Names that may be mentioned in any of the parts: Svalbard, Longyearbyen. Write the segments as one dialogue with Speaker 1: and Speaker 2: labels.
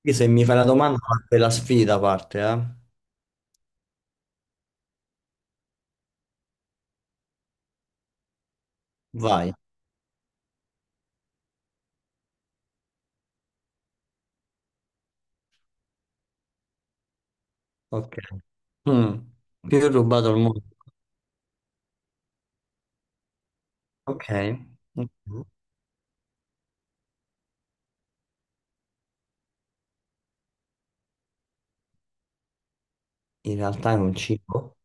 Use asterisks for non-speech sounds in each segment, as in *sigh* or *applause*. Speaker 1: Quindi se mi fai una domanda parte la sfida, parte, eh? Vai. Ok. Mm. Più rubato al mondo. Ok. Ok. In realtà è un cibo.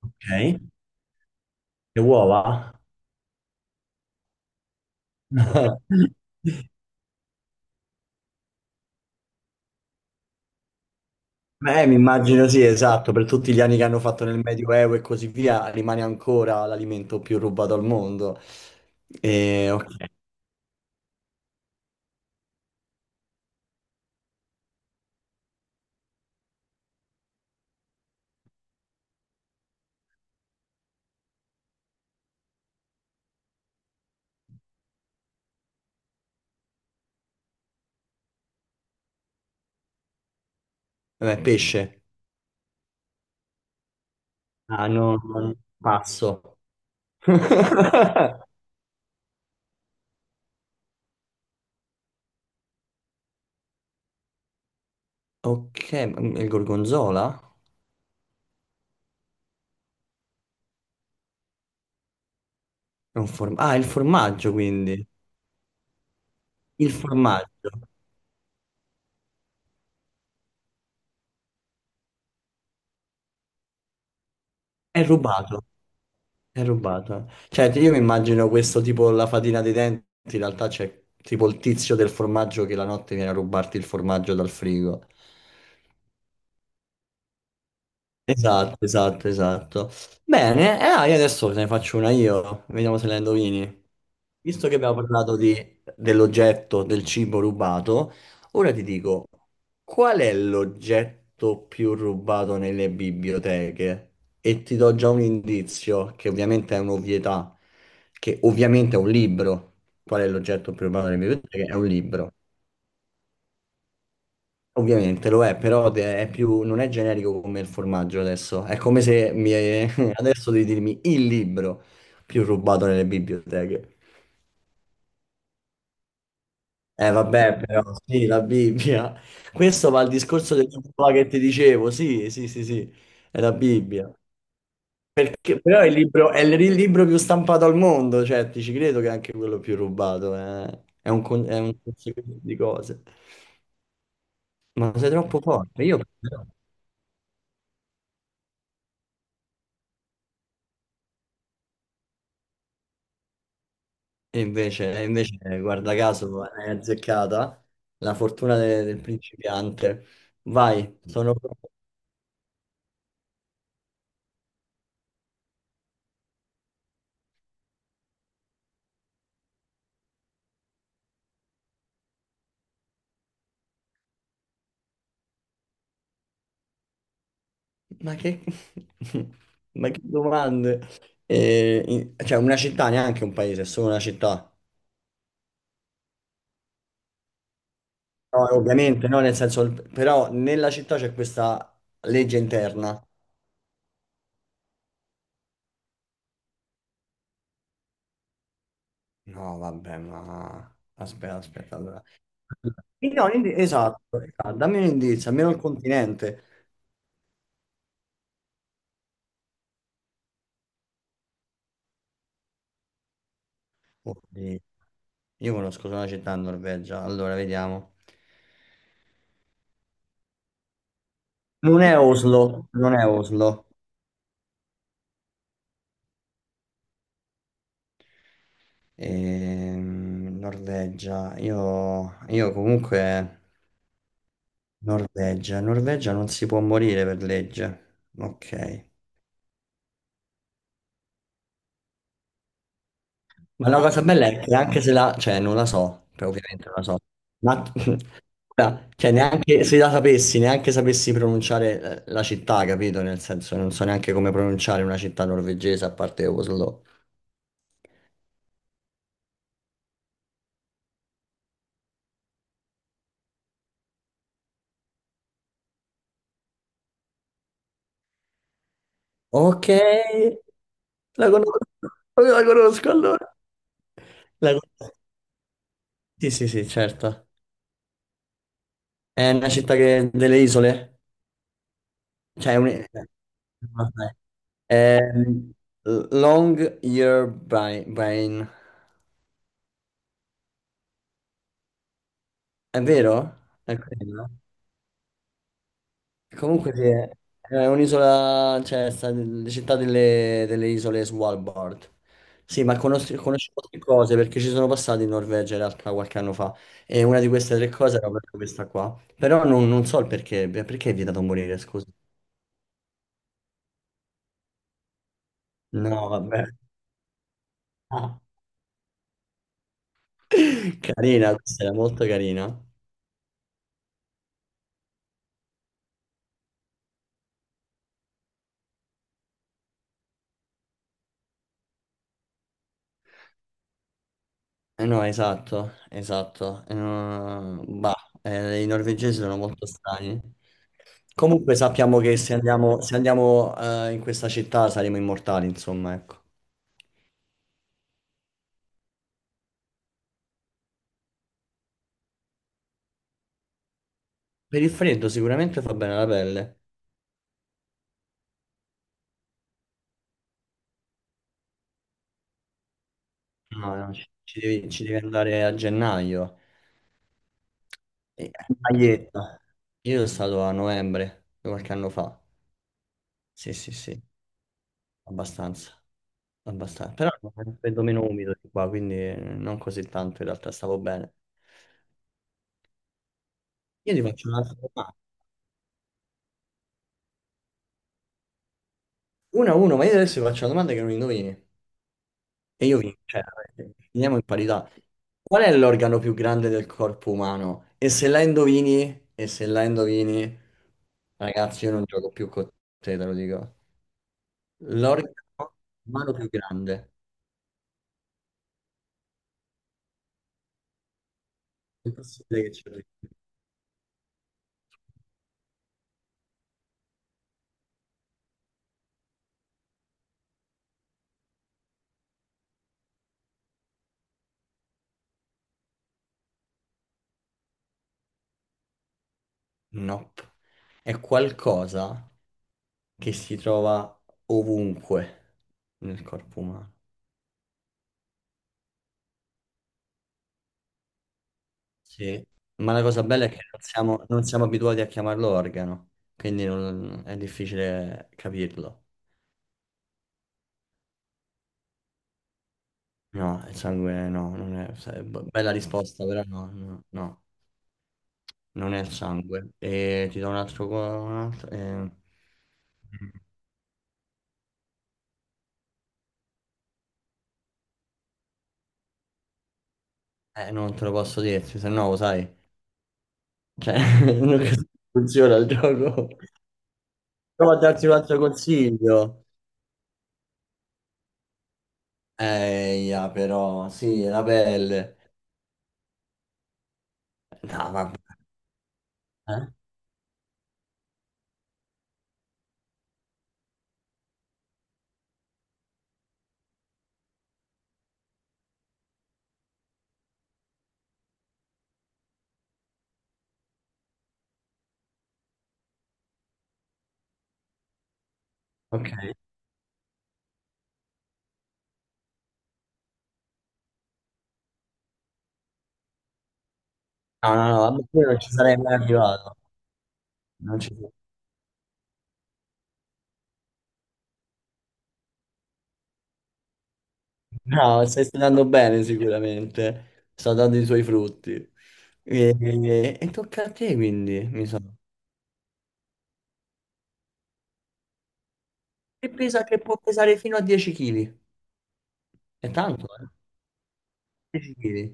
Speaker 1: Ok. Le uova? *laughs* Beh, mi immagino sì, esatto, per tutti gli anni che hanno fatto nel Medioevo e così via, rimane ancora l'alimento più rubato al mondo. E, ok. Vabbè, pesce. Ah, no, no, passo. *laughs* Ok, ma il gorgonzola? Ah, il formaggio quindi. Il formaggio. È rubato. È rubato. Cioè, io mi immagino questo tipo la fatina dei denti, in realtà c'è tipo il tizio del formaggio che la notte viene a rubarti il formaggio dal frigo. Esatto, esatto, esatto. Bene, e io adesso te ne faccio una io. Vediamo se la indovini. Visto che abbiamo parlato dell'oggetto del cibo rubato, ora ti dico, qual è l'oggetto più rubato nelle biblioteche? E ti do già un indizio, che ovviamente è un'ovvietà, che ovviamente è un libro. Qual è l'oggetto più rubato nelle biblioteche? È un libro. Ovviamente lo è, però non è generico come il formaggio adesso. È come se mi, *laughs* adesso devi dirmi il libro più rubato nelle biblioteche. Eh vabbè, però sì, la Bibbia. Questo va al discorso del libro là che ti dicevo, sì, sì, sì, sì, è la Bibbia. Perché, però è il libro, è il libro più stampato al mondo, cioè ti ci credo che è anche quello più rubato, eh. È un conseguenza di cose. Ma sei troppo forte, io però. E invece, guarda caso, hai azzeccata la fortuna del principiante. Vai, sono. Ma che, *laughs* ma che domande? Cioè, una città neanche un paese, è solo una città. No, ovviamente, no, nel senso, però nella città c'è questa legge interna. No, vabbè, ma aspetta, aspetta, allora. No, esatto, esatto, dammi un indizio, almeno il continente. Oddio, io conosco solo una città in Norvegia, allora vediamo. Non è Oslo, non è Oslo. Norvegia, io comunque. Norvegia. Norvegia non si può morire per legge. Ok. Ma la No, cosa bella è che anche se la, cioè non la so, cioè, ovviamente non la so. Ma *laughs* ora, cioè, neanche se la sapessi, neanche sapessi pronunciare la città, capito? Nel senso, non so neanche come pronunciare una città norvegese a parte Oslo. Ok, la conosco, la conosco allora. La con- Sì, sì, sì, certo. È una città che, delle isole? Cioè, è un, eh, Ehm, Long Year Brain, è vero? È quello? Comunque sì, è un'isola, cioè sta nelle città delle isole Svalbard. Sì, ma conosco tre cose perché ci sono passato in Norvegia in realtà qualche anno fa e una di queste tre cose era proprio questa qua. Però non so il perché, perché è vietato morire, scusa. No, vabbè. *laughs* Carina, questa era molto carina. Eh no, esatto, esatto. No, bah, i norvegesi sono molto strani. Comunque sappiamo che se andiamo, in questa città saremo immortali, insomma, ecco. Per il freddo sicuramente fa bene la pelle. No, no, ci devi andare a gennaio. In Maglietta. Io sono stato a novembre, qualche anno fa. Sì, sì, sì, abbastanza. Abbastanza. Però è un freddo meno umido di qua, quindi non così tanto in realtà, stavo bene. Io ti faccio un'altra domanda. 1-1, ma io adesso ti faccio una domanda che non indovini. E io vinco, cioè, finiamo in parità. Qual è l'organo più grande del corpo umano? E se la indovini, e se la indovini, ragazzi, io non gioco più con te, te lo dico. L'organo umano più grande. Impossibile che ce lo dica. Nope. È qualcosa che si trova ovunque nel corpo umano. Sì. Ma la cosa bella è che non siamo abituati a chiamarlo organo, quindi è difficile capirlo. No, il sangue no, non è, sai, bella risposta, però no, no, no, non è il sangue. E ti do un altro. Non te lo posso dirti, se no lo sai. Cioè, *laughs* non funziona il gioco. Provo a darti un altro consiglio. Ya, però, sì, la pelle. No, vabbè. Eh? Ok. No, no, no, a quello non ci sarei mai arrivato. Non ci- No, stai studiando bene sicuramente. Sta dando i suoi frutti. E tocca a te quindi, mi sa. Che pesa che può pesare fino a 10 kg? È tanto, eh? 10 kg.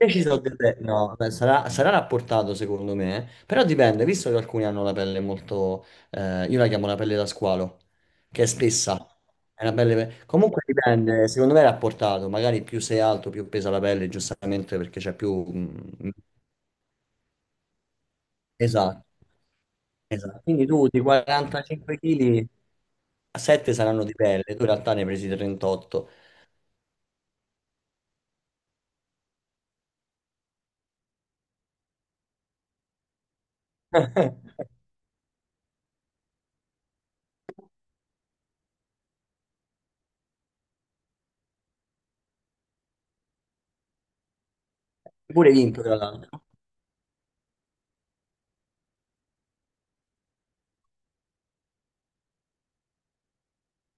Speaker 1: Io ci so delle- No, beh, sarà rapportato secondo me, eh. Però dipende, visto che alcuni hanno la pelle molto, io la chiamo la pelle da squalo, che è spessa. È una pelle. Comunque dipende, secondo me è rapportato, magari più sei alto, più pesa la pelle, giustamente perché c'è più. Esatto, esatto. Quindi tu di 45 kg, 7 saranno di pelle, tu in realtà ne hai presi 38. *laughs* Pure vinto, tra l'altro.